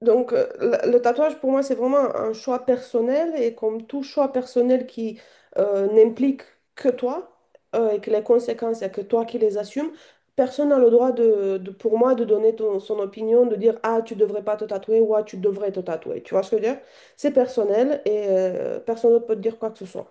Donc, le tatouage, pour moi, c'est vraiment un choix personnel et comme tout choix personnel qui n'implique que toi et que les conséquences, c'est que toi qui les assumes, personne n'a le droit de, pour moi, de donner son opinion, de dire, ah, tu devrais pas te tatouer ou ah, tu devrais te tatouer. Tu vois ce que je veux dire? C'est personnel et personne d'autre peut te dire quoi que ce soit.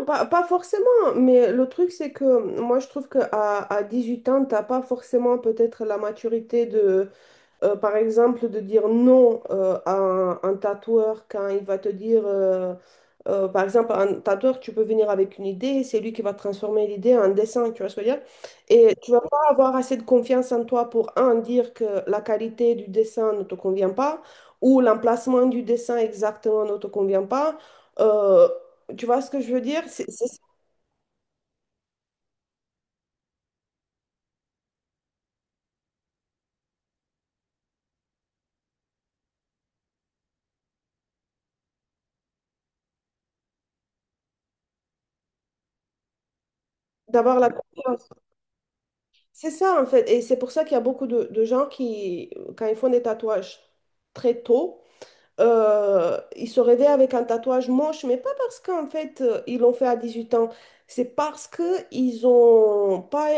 Non, pas, pas forcément, mais le truc, c'est que moi, je trouve qu'à à 18 ans, t'as pas forcément peut-être la maturité de. Par exemple, de dire non à un, tatoueur quand il va te dire, par exemple, un tatoueur, tu peux venir avec une idée, c'est lui qui va transformer l'idée en dessin, tu vois ce que je veux dire? Et tu vas pas avoir assez de confiance en toi pour, un, dire que la qualité du dessin ne te convient pas, ou l'emplacement du dessin exactement ne te convient pas. Euh, Tu vois ce que je veux dire? C'est ça. D'avoir la confiance. C'est ça, en fait. Et c'est pour ça qu'il y a beaucoup de gens qui, quand ils font des tatouages très tôt, ils se réveillent avec un tatouage moche, mais pas parce qu'en fait, ils l'ont fait à 18 ans. C'est parce qu'ils n'ont pas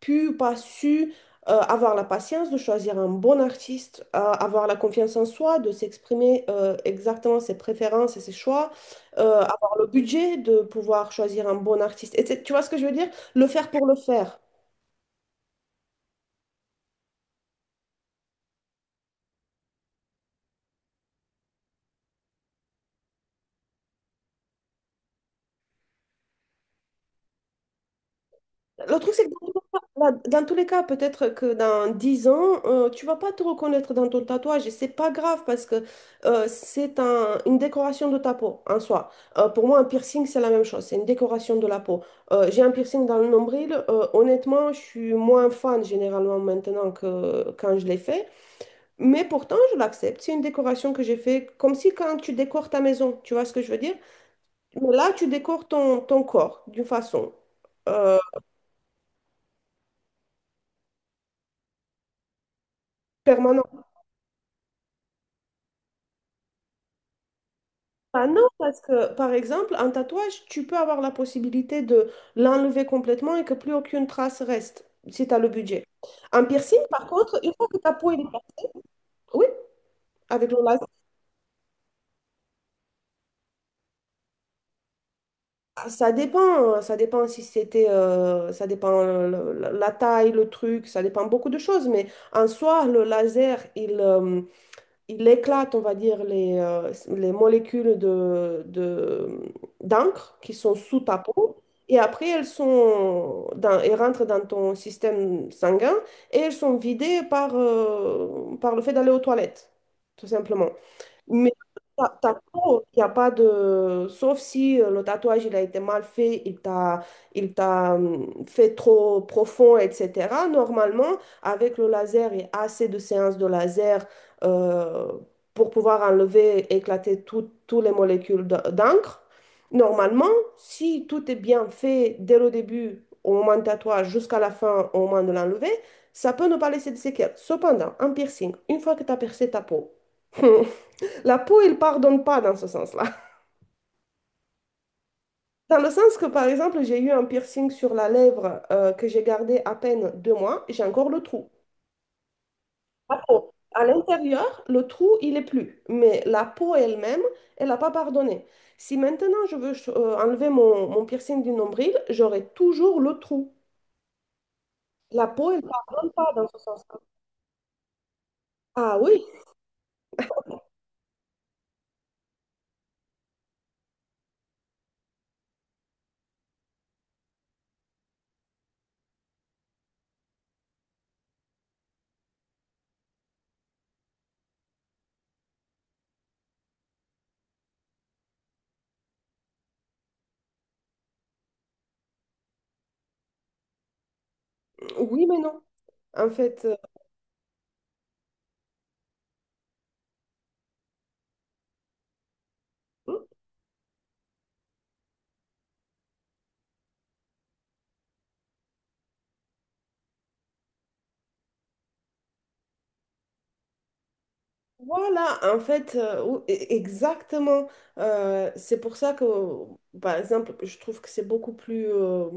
pu, pas su avoir la patience de choisir un bon artiste, avoir la confiance en soi, de s'exprimer exactement ses préférences et ses choix, avoir le budget de pouvoir choisir un bon artiste. Tu vois ce que je veux dire? Le faire pour le faire. Le truc, c'est que dans tous les cas, dans tous les cas, peut-être que dans 10 ans, tu vas pas te reconnaître dans ton tatouage et c'est pas grave parce que une décoration de ta peau en soi. Pour moi, un piercing, c'est la même chose, c'est une décoration de la peau. J'ai un piercing dans le nombril, honnêtement, je suis moins fan généralement maintenant que quand je l'ai fait, mais pourtant, je l'accepte. C'est une décoration que j'ai fait comme si quand tu décores ta maison, tu vois ce que je veux dire? Mais là, tu décores ton corps d'une façon euh, permanente. Ah non, parce que par exemple, un tatouage, tu peux avoir la possibilité de l'enlever complètement et que plus aucune trace reste, si tu as le budget. Un piercing, par contre, une fois que ta peau elle est. Oui, avec le laser. Ah, ça dépend si c'était, ça dépend la taille, le truc, ça dépend beaucoup de choses, mais en soi, le laser, il éclate, on va dire, les molécules de, d'encre qui sont sous ta peau. Et après, elles rentrent dans ton système sanguin et elles sont vidées par le fait d'aller aux toilettes, tout simplement. Mais ta peau, il n'y a pas de. Sauf si le tatouage, il a été mal fait, il t'a fait trop profond, etc. Normalement, avec le laser et assez de séances de laser euh, pour pouvoir enlever, éclater toutes les molécules d'encre, normalement, si tout est bien fait dès le début, au moment du tatouage, jusqu'à la fin, au moment de l'enlever, ça peut ne pas laisser de séquelles. Cependant, un piercing, une fois que tu as percé ta peau. La peau, elle pardonne pas dans ce sens-là. Dans le sens que, par exemple, j'ai eu un piercing sur la lèvre que j'ai gardé à peine 2 mois, j'ai encore le trou. La peau. À l'intérieur, le trou, il est plus. Mais la peau elle-même, elle n'a pas pardonné. Si maintenant je veux enlever mon piercing du nombril, j'aurai toujours le trou. La peau, elle ne pardonne pas dans ce sens-là. Ah oui, oui, mais non. En fait, hmm? Voilà, en fait, exactement. C'est pour ça que, par exemple, je trouve que c'est beaucoup plus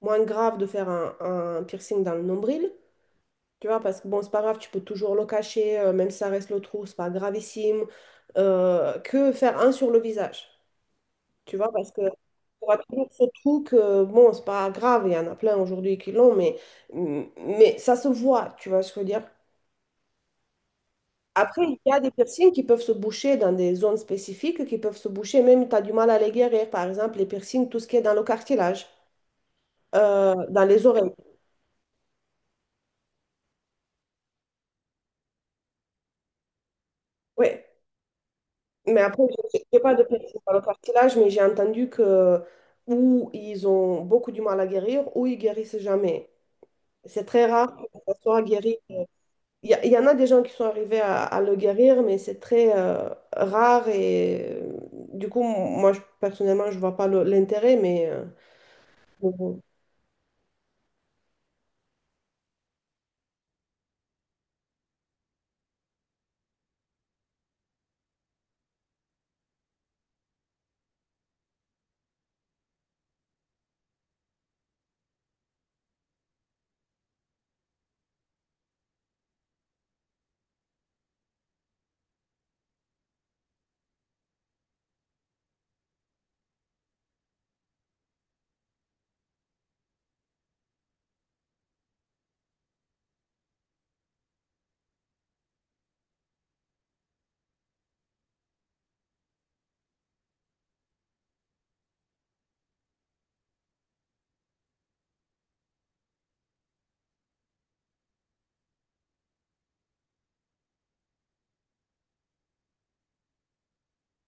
moins grave de faire un, piercing dans le nombril, tu vois, parce que bon, c'est pas grave, tu peux toujours le cacher, même si ça reste le trou, c'est pas gravissime, que faire un sur le visage, tu vois, parce que on a toujours ce trou que, bon, c'est pas grave, il y en a plein aujourd'hui qui l'ont, mais ça se voit, tu vois ce que je veux dire. Après, il y a des piercings qui peuvent se boucher dans des zones spécifiques, qui peuvent se boucher même tu as du mal à les guérir. Par exemple, les piercings, tout ce qui est dans le cartilage, dans les oreilles. Oui. Mais après, je n'ai pas de piercing dans le cartilage, mais j'ai entendu que ou ils ont beaucoup du mal à guérir, ou ils guérissent jamais. C'est très rare que ça soit guéri. Il y en a des gens qui sont arrivés à le guérir, mais c'est très rare. Et du coup, moi, personnellement, je vois pas l'intérêt, mais bon. Bon.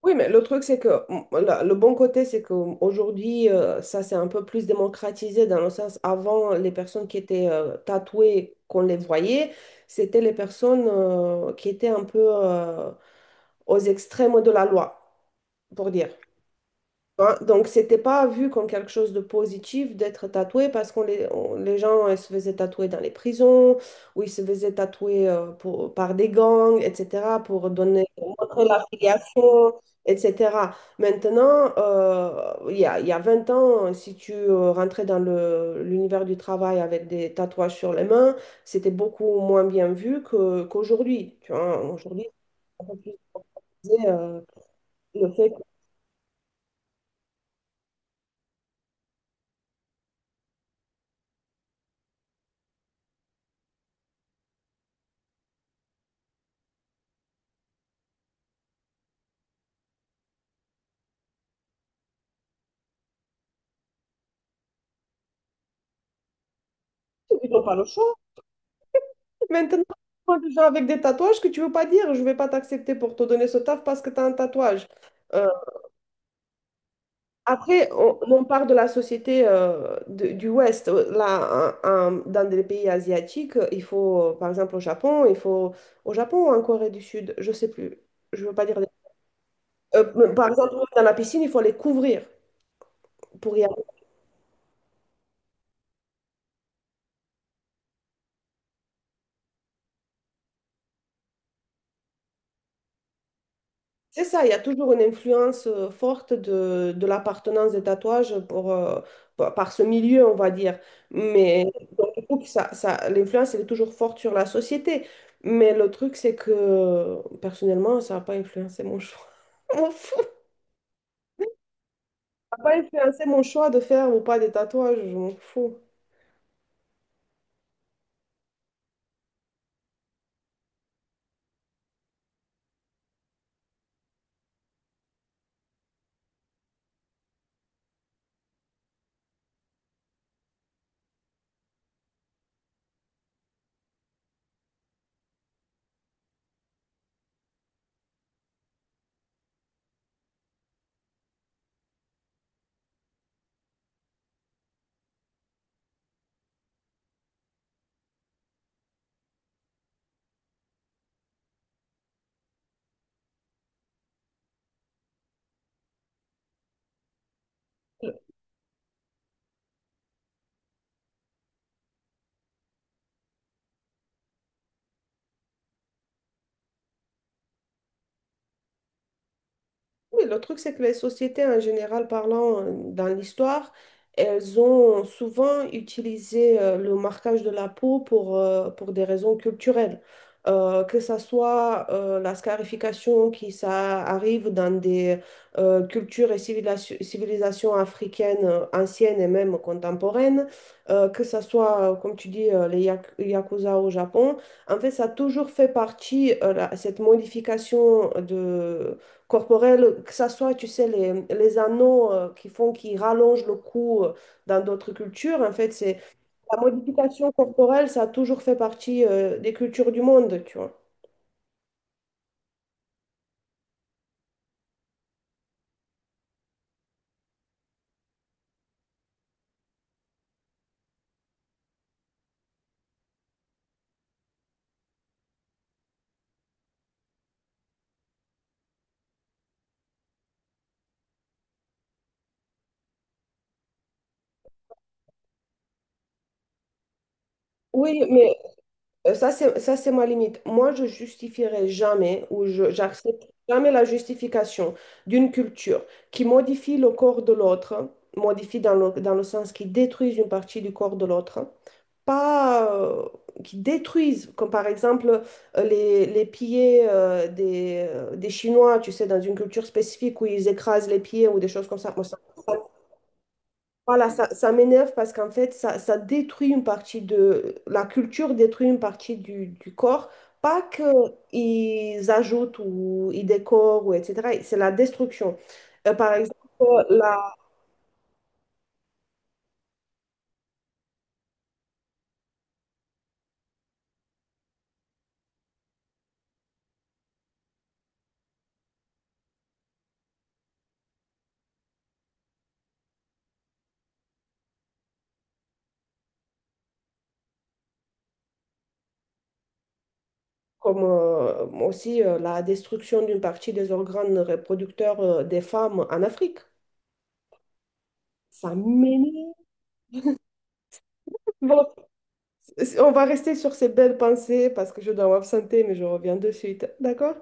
Oui, mais le truc, c'est que le bon côté, c'est qu'aujourd'hui, ça c'est un peu plus démocratisé dans le sens, avant, les personnes qui étaient tatouées, qu'on les voyait, c'était les personnes qui étaient un peu aux extrêmes de la loi, pour dire. Hein, donc, c'était pas vu comme quelque chose de positif d'être tatoué parce que les gens ils se faisaient tatouer dans les prisons ou ils se faisaient tatouer pour, par des gangs, etc., pour donner, pour montrer l'affiliation, etc. Maintenant, il y a 20 ans, si tu rentrais dans l'univers du travail avec des tatouages sur les mains, c'était beaucoup moins bien vu qu'aujourd'hui. Tu vois, aujourd'hui, on peut plus dire, le fait que tu n'as pas le choix. Maintenant, moi, déjà avec des tatouages que tu veux pas dire, je vais pas t'accepter pour te donner ce taf parce que tu as un tatouage. Euh, Après, on part de la société du Ouest. Là, dans des pays asiatiques, par exemple, au Japon, au Japon ou en Corée du Sud, je sais plus. Je veux pas dire. Par exemple, dans la piscine, il faut les couvrir pour y. C'est ça, il y a toujours une influence forte de l'appartenance des tatouages pour, par par ce milieu, on va dire. Mais donc, du coup, l'influence, elle est toujours forte sur la société. Mais le truc, c'est que personnellement, ça n'a pas influencé mon choix. Je m'en fous. Ça n'a pas influencé mon choix de faire ou pas des tatouages, je m'en fous. Oui, le truc, c'est que les sociétés, en général parlant, dans l'histoire, elles ont souvent utilisé le marquage de la peau pour des raisons culturelles. Que ça soit la scarification qui ça arrive dans des cultures et civilisations africaines anciennes et même contemporaines, que ça soit, comme tu dis, les yakuza au Japon. En fait, ça a toujours fait partie, cette modification corporelle, que ça soit, tu sais, les anneaux qui font, qui rallongent le cou dans d'autres cultures. En fait, c'est la modification corporelle, ça a toujours fait partie des cultures du monde, tu vois. Oui, mais ça, c'est ma limite. Moi, je justifierai jamais ou j'accepte jamais la justification d'une culture qui modifie le corps de l'autre, modifie dans dans le sens qui détruit une partie du corps de l'autre, pas, qui détruisent, comme par exemple les pieds des Chinois, tu sais, dans une culture spécifique où ils écrasent les pieds ou des choses comme ça. Moi, ça- voilà, ça m'énerve parce qu'en fait, ça détruit une partie de. La culture détruit une partie du corps. Pas qu'ils ajoutent ou ils décorent ou etc. C'est la destruction. Par exemple, comme aussi la destruction d'une partie des organes reproducteurs des femmes en Afrique. Ça m'énerve. Bon, on va rester sur ces belles pensées parce que je dois m'absenter, mais je reviens de suite. D'accord?